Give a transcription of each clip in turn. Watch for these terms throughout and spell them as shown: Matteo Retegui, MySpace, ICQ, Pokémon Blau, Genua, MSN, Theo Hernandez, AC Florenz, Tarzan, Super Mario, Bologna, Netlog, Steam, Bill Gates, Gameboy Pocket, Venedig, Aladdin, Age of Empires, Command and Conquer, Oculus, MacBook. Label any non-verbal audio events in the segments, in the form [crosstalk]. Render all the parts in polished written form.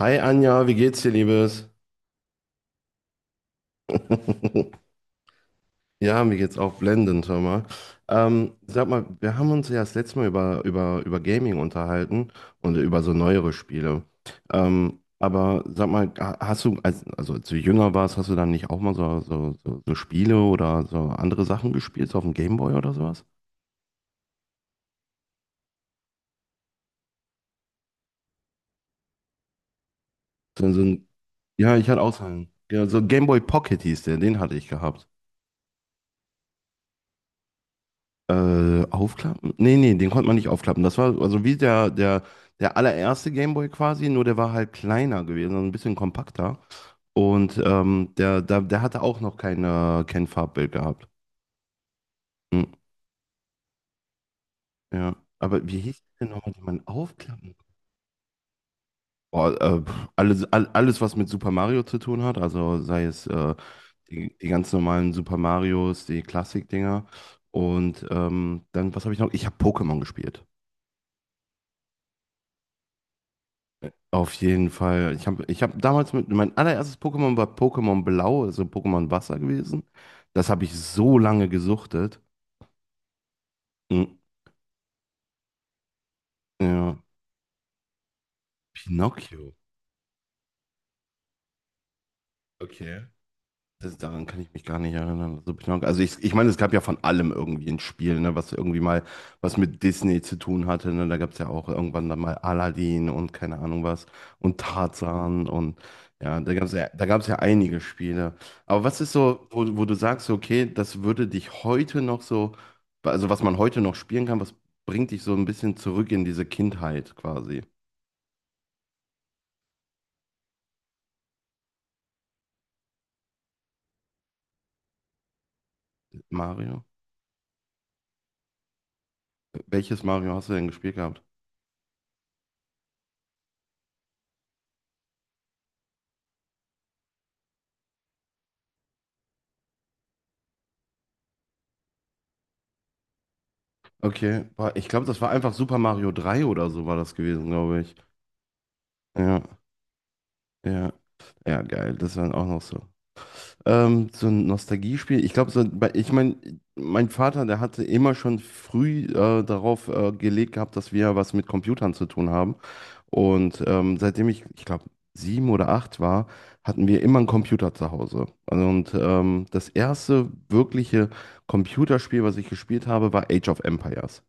Hi Anja, wie geht's dir, Liebes? [laughs] Ja, mir geht's auch blendend, hör mal. Sag mal, wir haben uns ja das letzte Mal über Gaming unterhalten und über so neuere Spiele. Aber sag mal, hast du, also als du jünger warst, hast du dann nicht auch mal so Spiele oder so andere Sachen gespielt, so auf dem Gameboy oder sowas? So, so ein, ja, ich hatte auch so einen, ja, so ein Gameboy Pocket hieß der, den hatte ich gehabt. Aufklappen? Nee, den konnte man nicht aufklappen. Das war also wie der allererste Gameboy quasi, nur der war halt kleiner gewesen, also ein bisschen kompakter. Und der hatte auch noch kein Farbbild gehabt. Hm, ja. Aber wie hieß denn nochmal, die man aufklappen? Boah, alles, was mit Super Mario zu tun hat, also sei es die ganz normalen Super Marios, die Klassik-Dinger. Und dann, was habe ich noch? Ich habe Pokémon gespielt. Auf jeden Fall. Ich hab damals mit, mein allererstes Pokémon war Pokémon Blau, also Pokémon Wasser gewesen. Das habe ich so lange gesuchtet. Mm, ja. Pinocchio. Okay. Das, daran kann ich mich gar nicht erinnern. Also, also ich meine, es gab ja von allem irgendwie ein Spiel, ne, was irgendwie mal was mit Disney zu tun hatte. Ne? Da gab es ja auch irgendwann dann mal Aladdin und keine Ahnung was und Tarzan und ja, da gab es ja einige Spiele. Aber was ist so, wo du sagst, so, okay, das würde dich heute noch so, also was man heute noch spielen kann, was bringt dich so ein bisschen zurück in diese Kindheit quasi? Mario? Welches Mario hast du denn gespielt gehabt? Okay, boah, ich glaube, das war einfach Super Mario 3 oder so war das gewesen, glaube ich. Ja, ja. Ja, geil, das war auch noch so. So ein Nostalgiespiel. Ich glaube, so, ich meine, mein Vater, der hatte immer schon früh darauf gelegt gehabt, dass wir was mit Computern zu tun haben. Und seitdem ich glaube, sieben oder acht war, hatten wir immer einen Computer zu Hause. Und das erste wirkliche Computerspiel, was ich gespielt habe, war Age of Empires.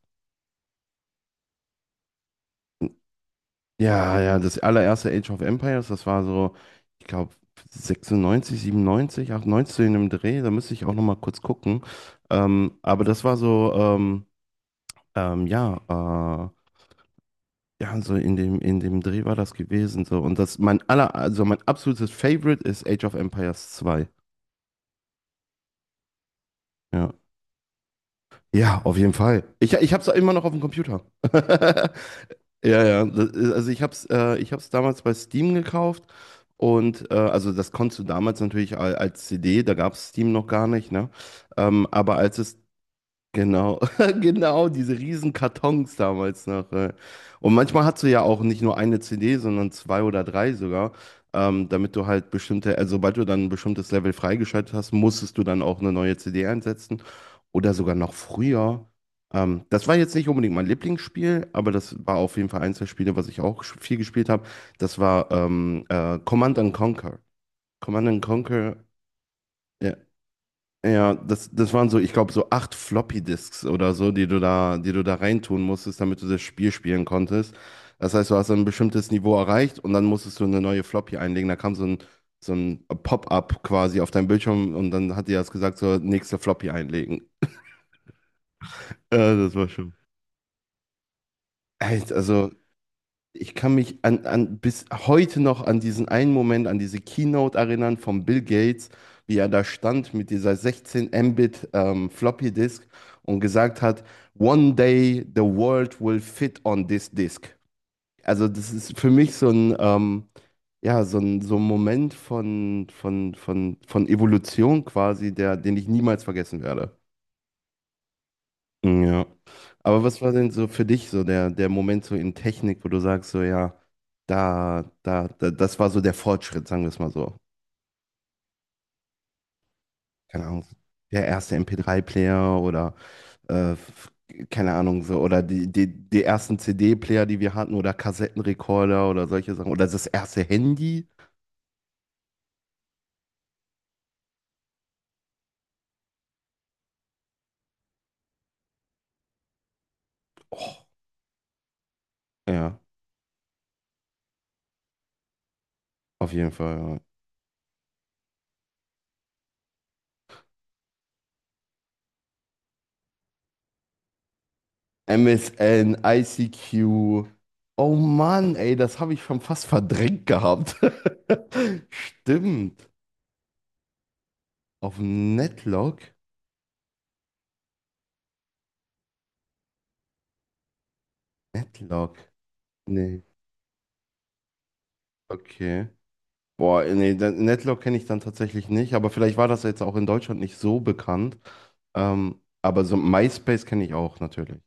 Ja, ja, das allererste Age of Empires, das war so, ich glaube, 96, 97, 98 in dem Dreh, da müsste ich auch nochmal kurz gucken. Aber das war so, ja, ja, so in in dem Dreh war das gewesen. So. Und das mein aller, also mein absolutes Favorite ist Age of Empires 2. Ja. Ja, auf jeden Fall. Ich hab's immer noch auf dem Computer. [laughs] Ja, ja. Also ich hab's damals bei Steam gekauft und also das konntest du damals natürlich als CD, da gab's Steam noch gar nicht, ne? Aber als es. Genau, [laughs] genau, diese riesen Kartons damals noch. Und manchmal hast du ja auch nicht nur eine CD, sondern zwei oder drei sogar, damit du halt bestimmte, also sobald du dann ein bestimmtes Level freigeschaltet hast, musstest du dann auch eine neue CD einsetzen oder sogar noch früher. Das war jetzt nicht unbedingt mein Lieblingsspiel, aber das war auf jeden Fall eins der Spiele, was ich auch viel gespielt habe. Das war Command and Conquer. Command and Conquer, ja. Ja, das waren so, ich glaube, so acht Floppy-Disks oder so, die du da reintun musstest, damit du das Spiel spielen konntest. Das heißt, du hast ein bestimmtes Niveau erreicht und dann musstest du eine neue Floppy einlegen. Da kam so ein Pop-up quasi auf deinem Bildschirm und dann hat dir das gesagt, so nächste Floppy einlegen. Ja, das war schon. Echt, also ich kann mich bis heute noch an diesen einen Moment, an diese Keynote erinnern von Bill Gates, wie er da stand mit dieser 16 Mbit Floppy Disk und gesagt hat, "One day the world will fit on this disk." Also das ist für mich so ein, ja, so ein Moment von, von Evolution quasi, der, den ich niemals vergessen werde. Ja. Aber was war denn so für dich so der Moment so in Technik, wo du sagst, so ja, das war so der Fortschritt, sagen wir es mal so. Keine Ahnung, der erste MP3-Player oder äh, f- keine Ahnung so, oder die ersten CD-Player, die wir hatten, oder Kassettenrekorder oder solche Sachen. Oder das erste Handy. Oh, ja, auf jeden Fall. Ja. MSN, ICQ. Oh Mann, ey, das habe ich schon fast verdrängt gehabt. [laughs] Stimmt. Auf Netlog? Netlog. Nee. Okay. Boah, nee, Netlog kenne ich dann tatsächlich nicht, aber vielleicht war das jetzt auch in Deutschland nicht so bekannt. Aber so MySpace kenne ich auch natürlich.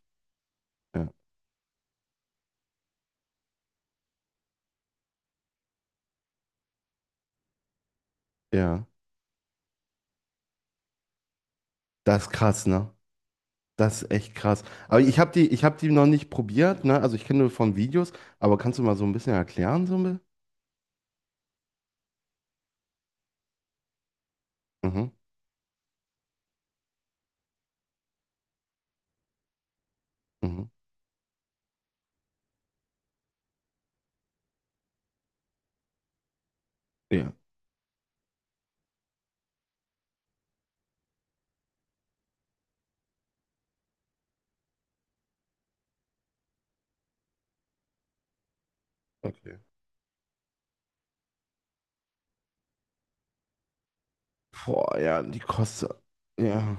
Ja. Ja. Das ist krass, ne? Das ist echt krass. Aber ich habe die, ich hab die noch nicht probiert, ne? Also ich kenne nur von Videos, aber kannst du mal so ein bisschen erklären, so ein bisschen? Mhm. Mhm. Ja. Okay. Boah, ja, die kostet. Ja.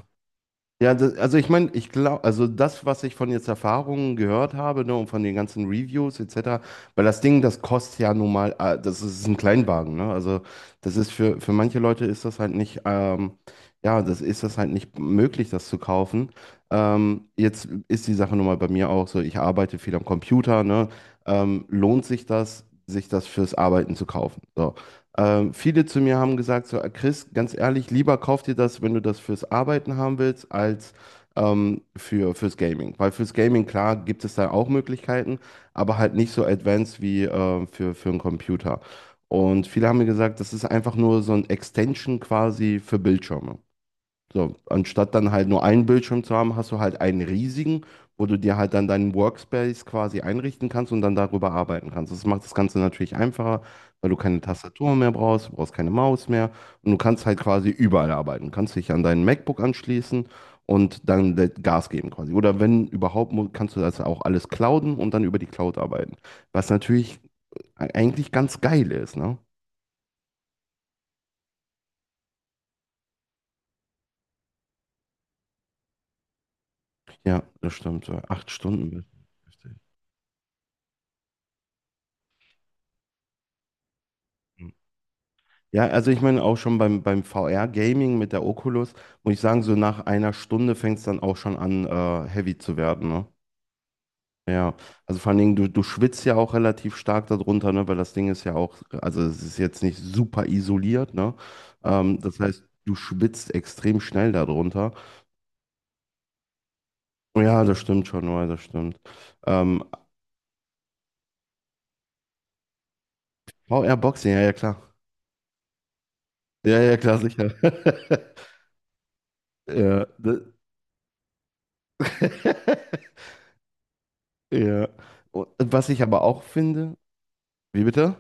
Ja, das, also ich glaube, also das, was ich von jetzt Erfahrungen gehört habe, ne, und von den ganzen Reviews etc., weil das Ding, das kostet ja nun mal, das ist ein Kleinwagen, ne? Also das ist für manche Leute ist das halt nicht, ja, das ist das halt nicht möglich, das zu kaufen. Jetzt ist die Sache nun mal bei mir auch so, ich arbeite viel am Computer, ne? Lohnt sich sich das fürs Arbeiten zu kaufen? So. Viele zu mir haben gesagt, so, Chris, ganz ehrlich, lieber kauf dir das, wenn du das fürs Arbeiten haben willst, als fürs Gaming. Weil fürs Gaming, klar, gibt es da auch Möglichkeiten, aber halt nicht so advanced wie für einen Computer. Und viele haben mir gesagt, das ist einfach nur so ein Extension quasi für Bildschirme. So, anstatt dann halt nur einen Bildschirm zu haben, hast du halt einen riesigen, wo du dir halt dann deinen Workspace quasi einrichten kannst und dann darüber arbeiten kannst. Das macht das Ganze natürlich einfacher, weil du keine Tastatur mehr brauchst, du brauchst keine Maus mehr und du kannst halt quasi überall arbeiten. Du kannst dich an deinen MacBook anschließen und dann Gas geben quasi. Oder wenn überhaupt, kannst du das auch alles clouden und dann über die Cloud arbeiten. Was natürlich eigentlich ganz geil ist, ne? Ja, das stimmt. So 8 Stunden. Ja, also ich meine auch schon beim VR-Gaming mit der Oculus, muss ich sagen, so nach einer Stunde fängt es dann auch schon an, heavy zu werden, ne? Ja, also vor allen Dingen, du schwitzt ja auch relativ stark darunter, ne? Weil das Ding ist ja auch, also es ist jetzt nicht super isoliert, ne? Das heißt, du schwitzt extrem schnell darunter. Ja, das stimmt schon, ja, das stimmt. Ähm, VR-Boxing, ja, ja, klar. Ja, ja, klar, sicher. [laughs] Ja, [laughs] Ja. Und was ich aber auch finde. Wie bitte?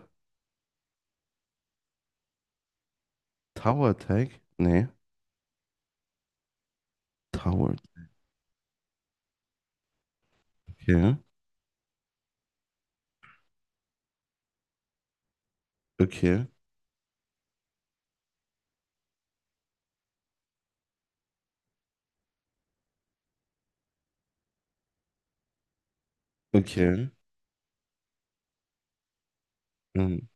Tower Attack? Nee. Tower. Okay. Okay. Okay. Mhm.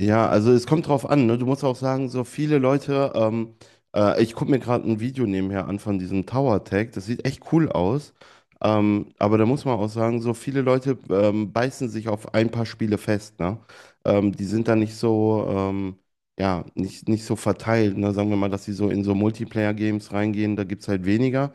Ja, also es kommt drauf an, ne? Du musst auch sagen, so viele Leute, ich gucke mir gerade ein Video nebenher an von diesem Tower Tag, das sieht echt cool aus. Aber da muss man auch sagen, so viele Leute beißen sich auf ein paar Spiele fest, ne? Die sind da nicht so, ja, nicht so verteilt, ne? Sagen wir mal, dass sie so in so Multiplayer-Games reingehen, da gibt es halt weniger.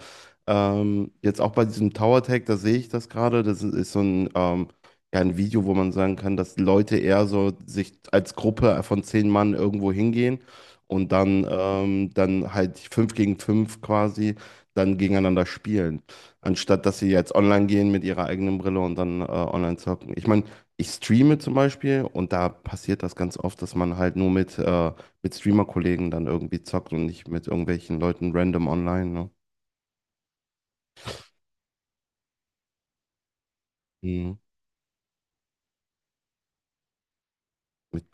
Jetzt auch bei diesem Tower Tag, da sehe ich das gerade, das ist so ein kein Video, wo man sagen kann, dass Leute eher so sich als Gruppe von 10 Mann irgendwo hingehen und dann, dann halt fünf gegen fünf quasi dann gegeneinander spielen. Anstatt dass sie jetzt online gehen mit ihrer eigenen Brille und dann online zocken. Ich meine, ich streame zum Beispiel und da passiert das ganz oft, dass man halt nur mit Streamer-Kollegen dann irgendwie zockt und nicht mit irgendwelchen Leuten random online. Ne? Mhm. Mit,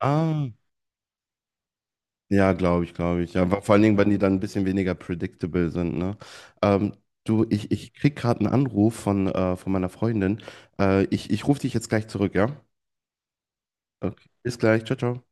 ah. Ja, glaube ich, glaube ich. Ja, vor allen Dingen, wenn die dann ein bisschen weniger predictable sind, ne? Ähm, du, ich krieg gerade einen Anruf von meiner Freundin. Ich rufe dich jetzt gleich zurück, ja? Okay. Bis gleich. Ciao, ciao.